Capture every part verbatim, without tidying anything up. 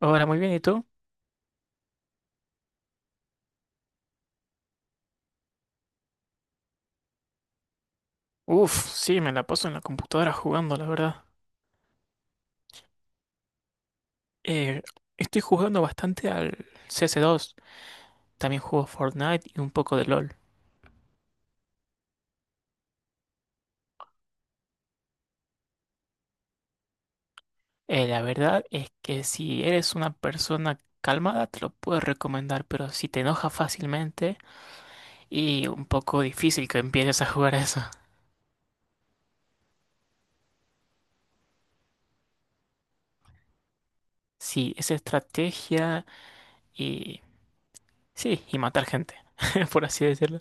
Hola, muy bien, ¿y tú? Uf, sí, me la paso en la computadora jugando, la verdad. Eh, Estoy jugando bastante al C S dos. También juego Fortnite y un poco de LOL. Eh, la verdad es que si eres una persona calmada, te lo puedo recomendar, pero si te enoja fácilmente y un poco difícil que empieces a jugar a eso. Sí, es estrategia. y... Sí, y matar gente, por así decirlo.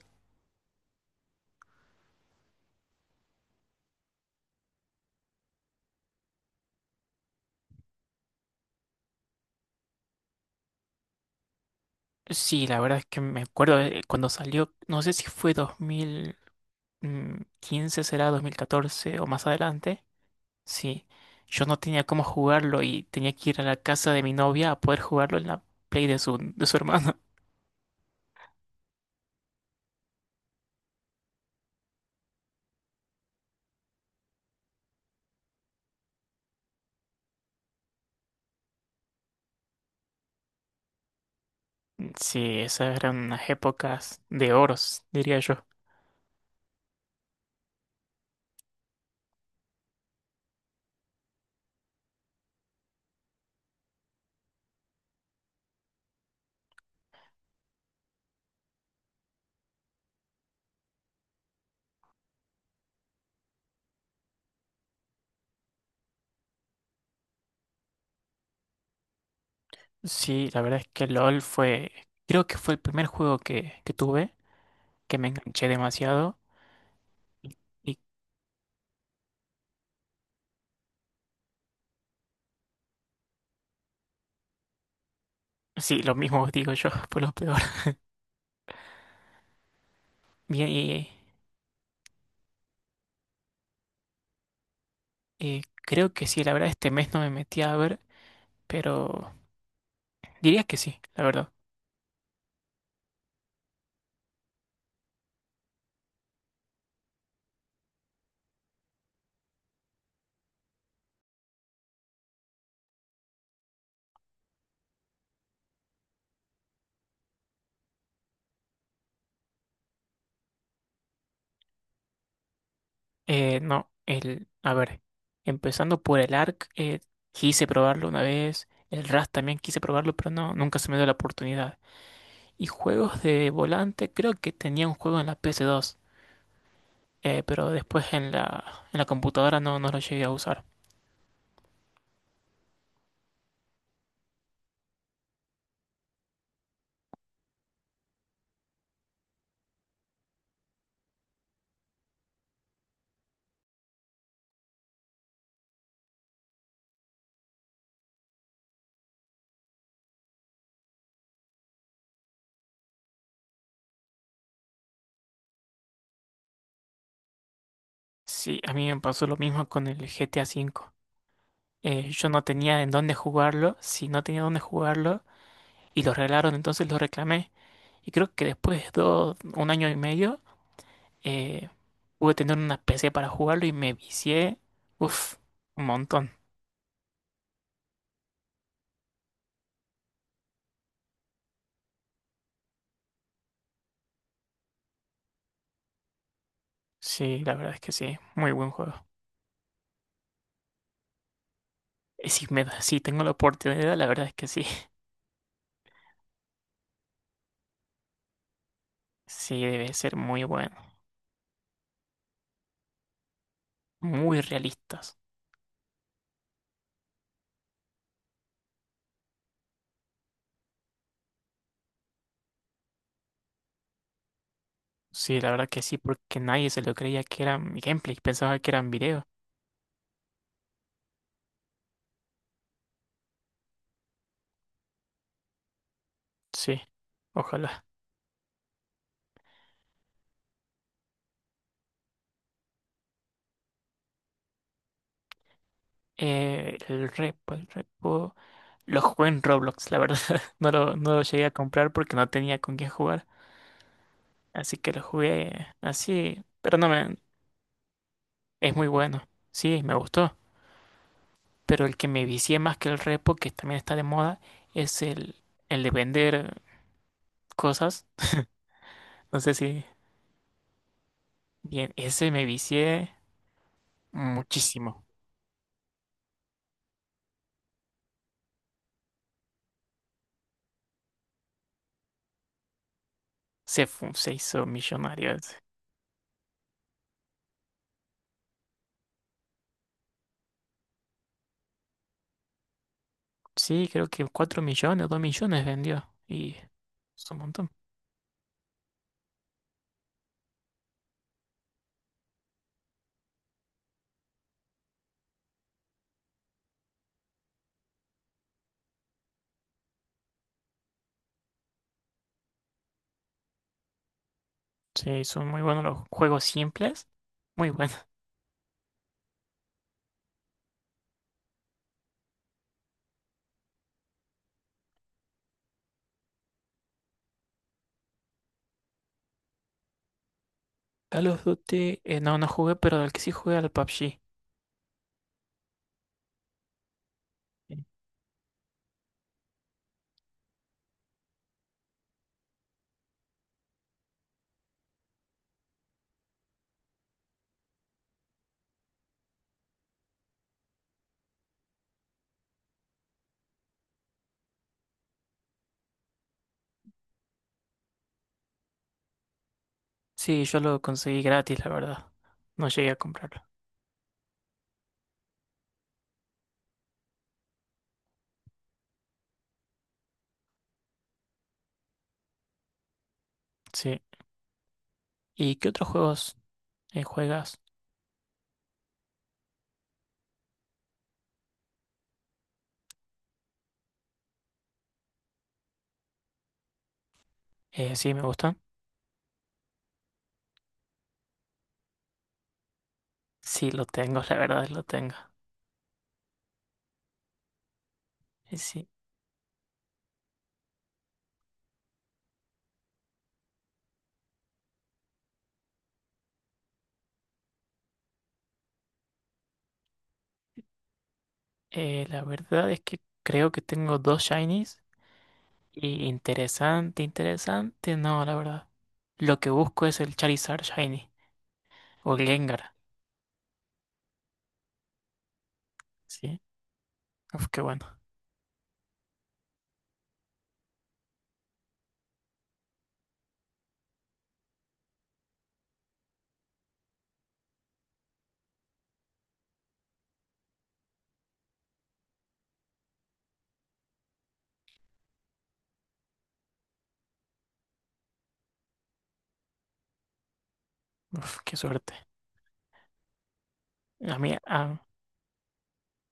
Sí, la verdad es que me acuerdo eh, cuando salió, no sé si fue dos mil, mm, dos mil quince, será dos mil catorce o más adelante. Sí, yo no tenía cómo jugarlo y tenía que ir a la casa de mi novia a poder jugarlo en la Play de su, de su hermano. Sí, esas eran unas épocas de oros, diría yo. Sí, la verdad es que LOL fue, creo que fue el primer juego que, que tuve, que me enganché demasiado. Y, y sí, lo mismo digo yo, fue lo peor. Bien, y, y creo que sí, la verdad este mes no me metí a ver, pero diría que sí, la verdad. Eh, no, el, a ver, empezando por el A R C, eh, quise probarlo una vez, el R A S también quise probarlo, pero no, nunca se me dio la oportunidad. Y juegos de volante, creo que tenía un juego en la P S dos, eh, pero después en la, en la computadora no, no lo llegué a usar. Sí, a mí me pasó lo mismo con el g GTA cinco. Eh, yo no tenía en dónde jugarlo, si no tenía dónde jugarlo, y lo regalaron, entonces lo reclamé. Y creo que después de dos, un año y medio, eh, pude tener una P C para jugarlo y me vicié, uf, un montón. Sí, la verdad es que sí, muy buen juego. Y si me da, si tengo la oportunidad, la verdad es que sí. Sí, debe ser muy bueno, muy realistas. Sí, la verdad que sí, porque nadie se lo creía que eran gameplay, pensaba que eran videos. Sí, ojalá. Eh, el repo, el repo. Lo jugué en Roblox, la verdad. No lo, no lo llegué a comprar porque no tenía con quién jugar. Así que lo jugué así, pero no me. Es muy bueno, sí, me gustó. Pero el que me vicié más que el repo, que también está de moda, es el, el de vender cosas. No sé si bien, ese me vicié muchísimo. Se, fu- se hizo millonario, ese. Sí, creo que cuatro millones, dos millones vendió. Y es un montón. Sí, son muy buenos los juegos simples. Muy buenos. Call of Duty, eh, no, no jugué, pero el que sí jugué al P U B G. Sí, yo lo conseguí gratis, la verdad. No llegué a comprarlo. Sí. ¿Y qué otros juegos eh, juegas? Eh, sí, me gustan. Sí, lo tengo, la verdad lo tengo. Eh, Sí, Eh, la verdad es que creo que tengo dos shinies. Y interesante, interesante, no, la verdad. Lo que busco es el Charizard Shiny o el Gengar, ¿sí? Uf, qué bueno, uf, qué suerte. A mí, a,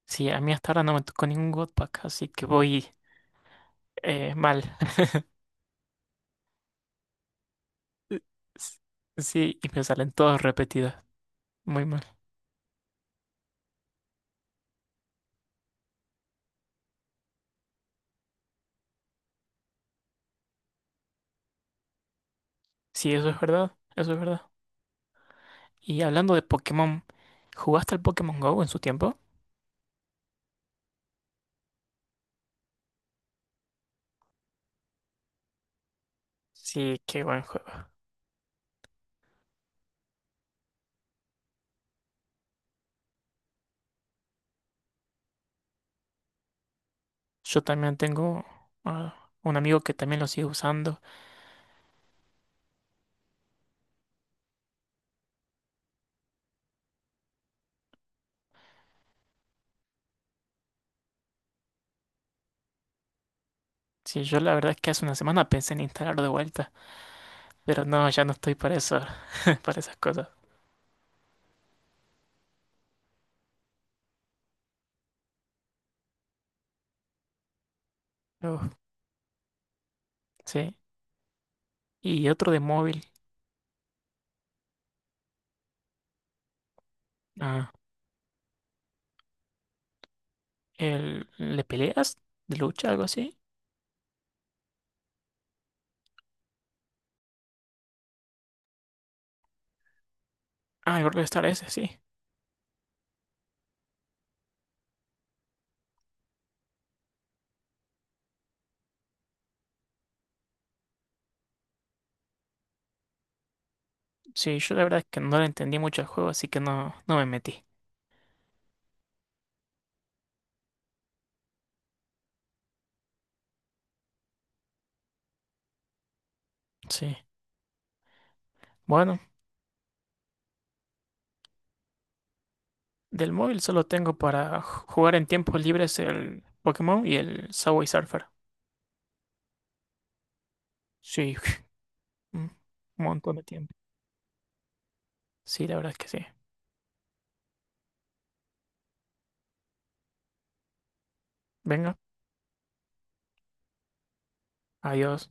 sí, a mí hasta ahora no me tocó ningún God Pack, así que voy eh, mal. Sí, y me salen todos repetidos, muy mal. Sí, eso es verdad, eso es verdad. Y hablando de Pokémon, ¿jugaste al Pokémon Go en su tiempo? Sí, qué buen juego. Yo también tengo ah, un amigo que también lo sigue usando. Sí, yo la verdad es que hace una semana pensé en instalarlo de vuelta, pero no, ya no estoy para eso, para esas cosas. Uf, sí. Y otro de móvil, ah, el ¿le peleas? ¿De lucha, algo así? Ah, el Brawl Stars ese, sí. Sí, yo la verdad es que no le entendí mucho al juego, así que no, no me metí. Sí. Bueno. Del móvil solo tengo para jugar en tiempos libres el Pokémon y el Subway Surfer. Sí, un montón de tiempo. Sí, la verdad es que sí. Venga, adiós.